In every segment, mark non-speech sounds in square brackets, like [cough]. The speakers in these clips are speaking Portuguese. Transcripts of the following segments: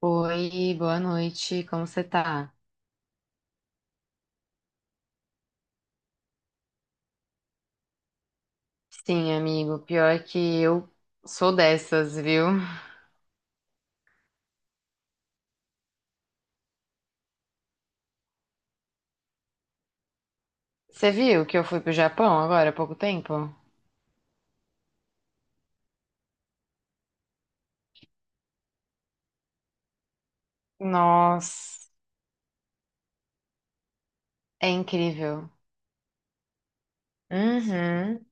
Oi, boa noite, como você tá? Sim, amigo, pior que eu sou dessas, viu? Você viu que eu fui pro Japão agora há pouco tempo? Nossa, é incrível. Uhum.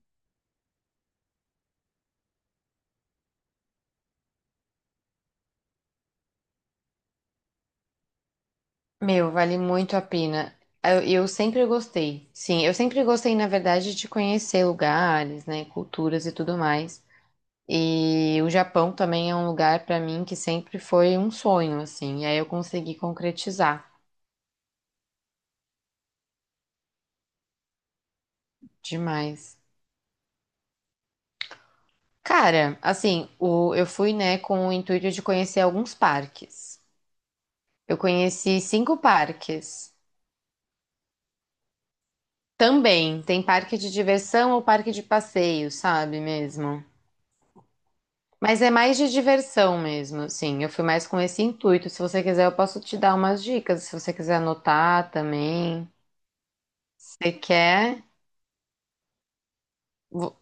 Meu, vale muito a pena. Eu sempre gostei. Sim, eu sempre gostei, na verdade, de conhecer lugares, né, culturas e tudo mais. E o Japão também é um lugar pra mim que sempre foi um sonho, assim. E aí eu consegui concretizar demais. Cara, assim, eu fui, né, com o intuito de conhecer alguns parques. Eu conheci 5 parques. Também tem parque de diversão ou parque de passeio, sabe mesmo? Mas é mais de diversão mesmo, assim. Eu fui mais com esse intuito. Se você quiser, eu posso te dar umas dicas. Se você quiser anotar também. Se você quer, vo-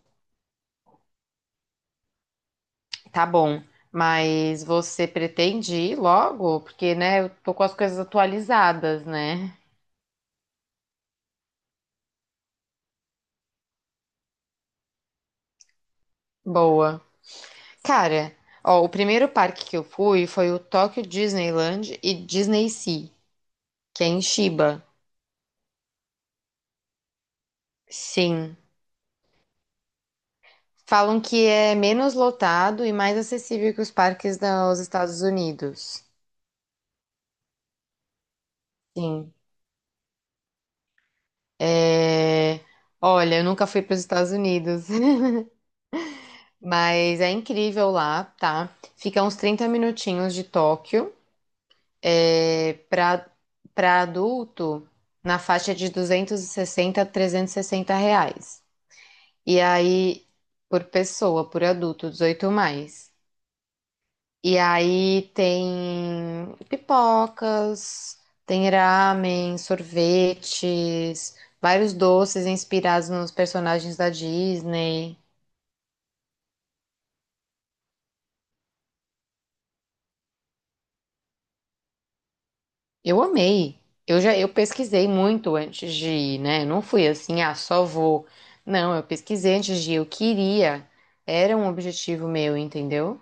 tá bom. Mas você pretende ir logo? Porque, né, eu tô com as coisas atualizadas, né? Boa. Cara, ó, o primeiro parque que eu fui foi o Tokyo Disneyland e Disney Sea, que é em Chiba. Sim. Falam que é menos lotado e mais acessível que os parques dos Estados Unidos. Sim. É, Olha, eu nunca fui para os Estados Unidos, [laughs] mas é incrível lá, tá? Fica uns 30 minutinhos de Tóquio. Para adulto, na faixa de 260 a 360 reais. E aí, por pessoa, por adulto, 18 mais. E aí tem pipocas, tem ramen, sorvetes, vários doces inspirados nos personagens da Disney. Eu amei. Eu pesquisei muito antes de ir, né? Eu não fui assim, ah, só vou. Não, eu pesquisei antes de ir, eu queria. Era um objetivo meu, entendeu?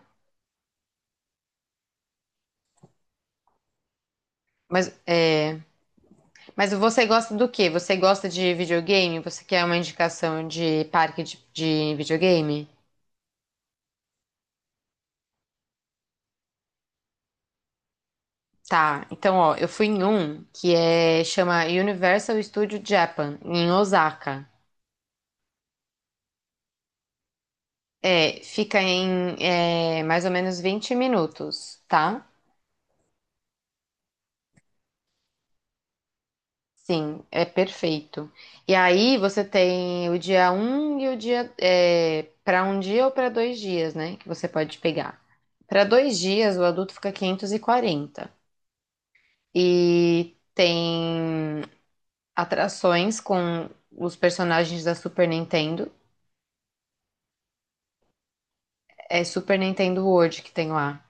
Mas é. Mas você gosta do quê? Você gosta de videogame? Você quer uma indicação de parque de videogame? Tá, então ó, eu fui em um que é chama Universal Studio Japan, em Osaka. É, fica em é, mais ou menos 20 minutos, tá? Sim, é perfeito. E aí você tem o dia um e o dia é, para um dia ou para dois dias, né? Que você pode pegar. Para dois dias, o adulto fica 540. E tem atrações com os personagens da Super Nintendo. É Super Nintendo World que tem lá.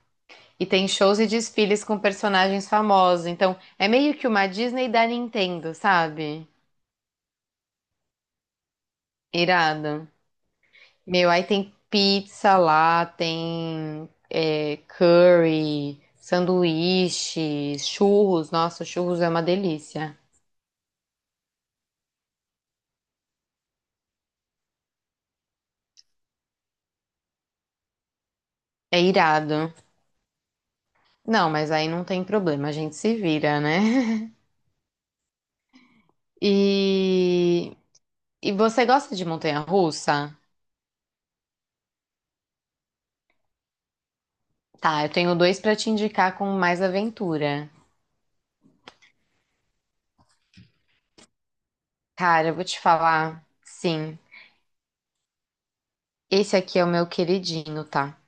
E tem shows e desfiles com personagens famosos. Então, é meio que uma Disney da Nintendo, sabe? Irado. Meu, aí tem pizza lá, tem é, curry, sanduíche, churros. Nossa, churros é uma delícia. É irado. Não, mas aí não tem problema, a gente se vira, né? [laughs] E, e você gosta de montanha-russa? Tá, eu tenho dois pra te indicar com mais aventura. Cara, eu vou te falar, sim. Esse aqui é o meu queridinho, tá?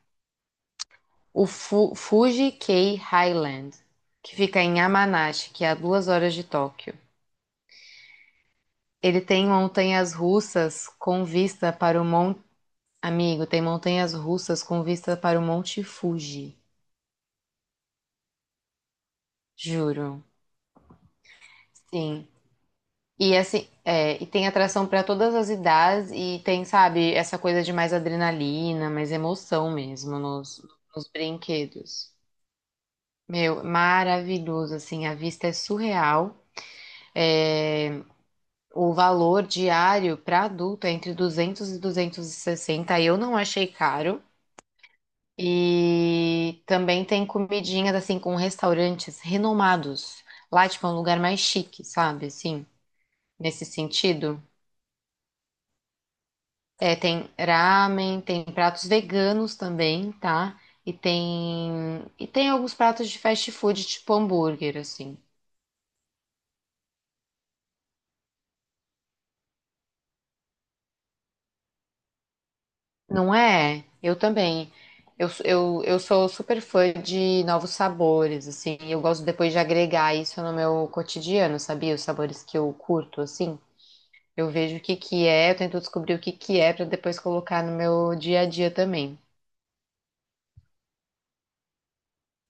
O Fu Fuji K Highland, que fica em Yamanashi, que é a 2 horas de Tóquio. Ele tem montanhas russas com vista para o Monte. Amigo, tem montanhas russas com vista para o Monte Fuji. Juro. Sim. E assim, é, e tem atração pra todas as idades e tem, sabe, essa coisa de mais adrenalina, mais emoção mesmo nos, nos brinquedos. Meu, maravilhoso, assim, a vista é surreal. É, o valor diário para adulto é entre 200 e 260, eu não achei caro. E também tem comidinhas, assim, com restaurantes renomados. Lá, tipo, é um lugar mais chique, sabe, assim, nesse sentido. É, tem ramen, tem pratos veganos também, tá? E tem alguns pratos de fast food, tipo hambúrguer, assim. Não é? Eu também. Eu sou super fã de novos sabores, assim. Eu gosto depois de agregar isso no meu cotidiano, sabia? Os sabores que eu curto, assim. Eu vejo o que que é, eu tento descobrir o que que é para depois colocar no meu dia a dia também.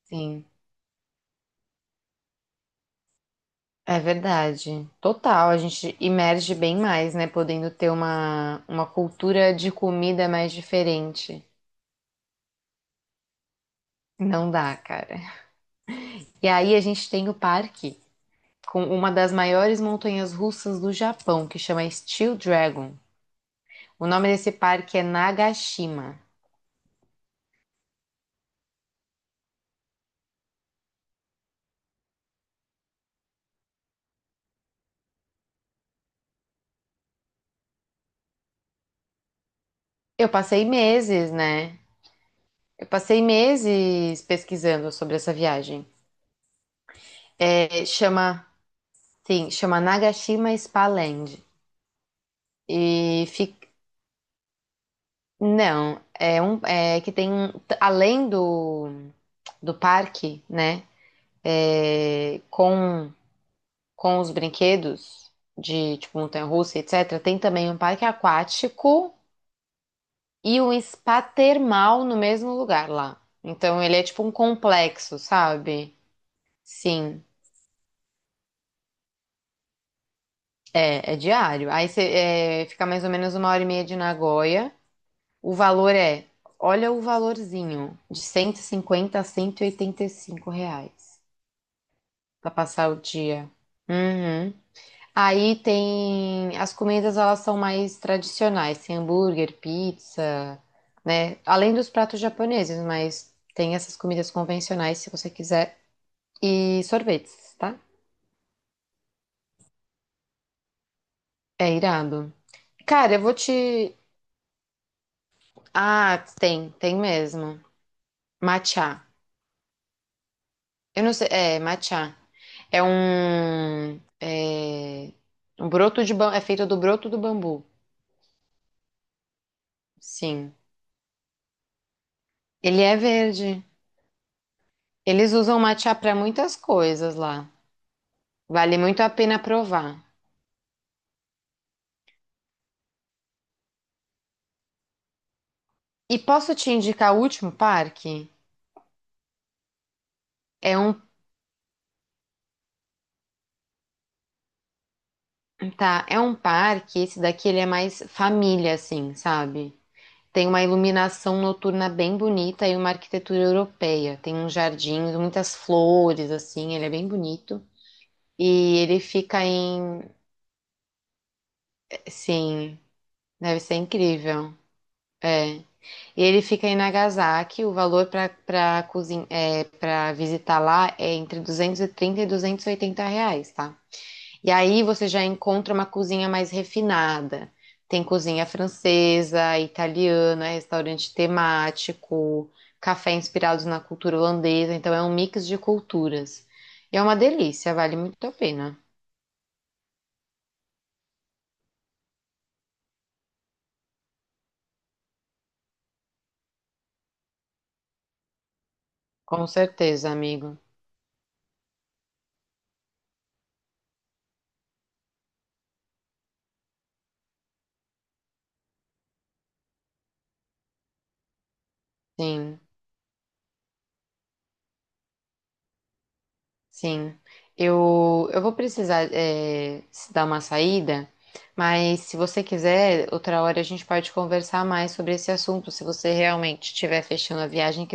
Sim. É verdade. Total, a gente emerge bem mais, né? Podendo ter uma cultura de comida mais diferente. Não dá, cara. E aí a gente tem o parque com uma das maiores montanhas russas do Japão, que chama Steel Dragon. O nome desse parque é Nagashima. Eu passei meses, né? Eu passei meses pesquisando sobre essa viagem. É, chama, sim, chama Nagashima Spa Land. E fi- Não, é um é que tem além do parque, né? É, com os brinquedos de tipo montanha-russa, etc. Tem também um parque aquático e um spa termal no mesmo lugar lá. Então ele é tipo um complexo, sabe? Sim, é, é diário. Aí você é, fica mais ou menos 1 hora e meia de Nagoya. O valor é, olha o valorzinho, de 150 a cento e 85 reais. Pra passar o dia. Uhum. Aí tem as comidas, elas são mais tradicionais, tem hambúrguer, pizza, né? Além dos pratos japoneses, mas tem essas comidas convencionais se você quiser e sorvetes, tá? É irado. Cara, eu vou te Ah, tem, tem mesmo. Matcha. Eu não sei, é, matcha. É um broto de é feito do broto do bambu. Sim. Ele é verde. Eles usam matcha para muitas coisas lá. Vale muito a pena provar. E posso te indicar o último parque? É um, tá, é um parque, esse daqui ele é mais família assim, sabe? Tem uma iluminação noturna bem bonita e uma arquitetura europeia. Tem uns jardins, muitas flores assim, ele é bem bonito. E ele fica em, sim, deve ser incrível. É. Ele fica em Nagasaki. O valor para para visitar lá é entre 230 e 280 reais, tá? E aí você já encontra uma cozinha mais refinada. Tem cozinha francesa, italiana, restaurante temático, café inspirados na cultura holandesa. Então é um mix de culturas. E é uma delícia, vale muito a pena. Com certeza, amigo. Sim. Sim, eu vou precisar é, se dar uma saída, mas se você quiser, outra hora a gente pode conversar mais sobre esse assunto, se você realmente estiver fechando a viagem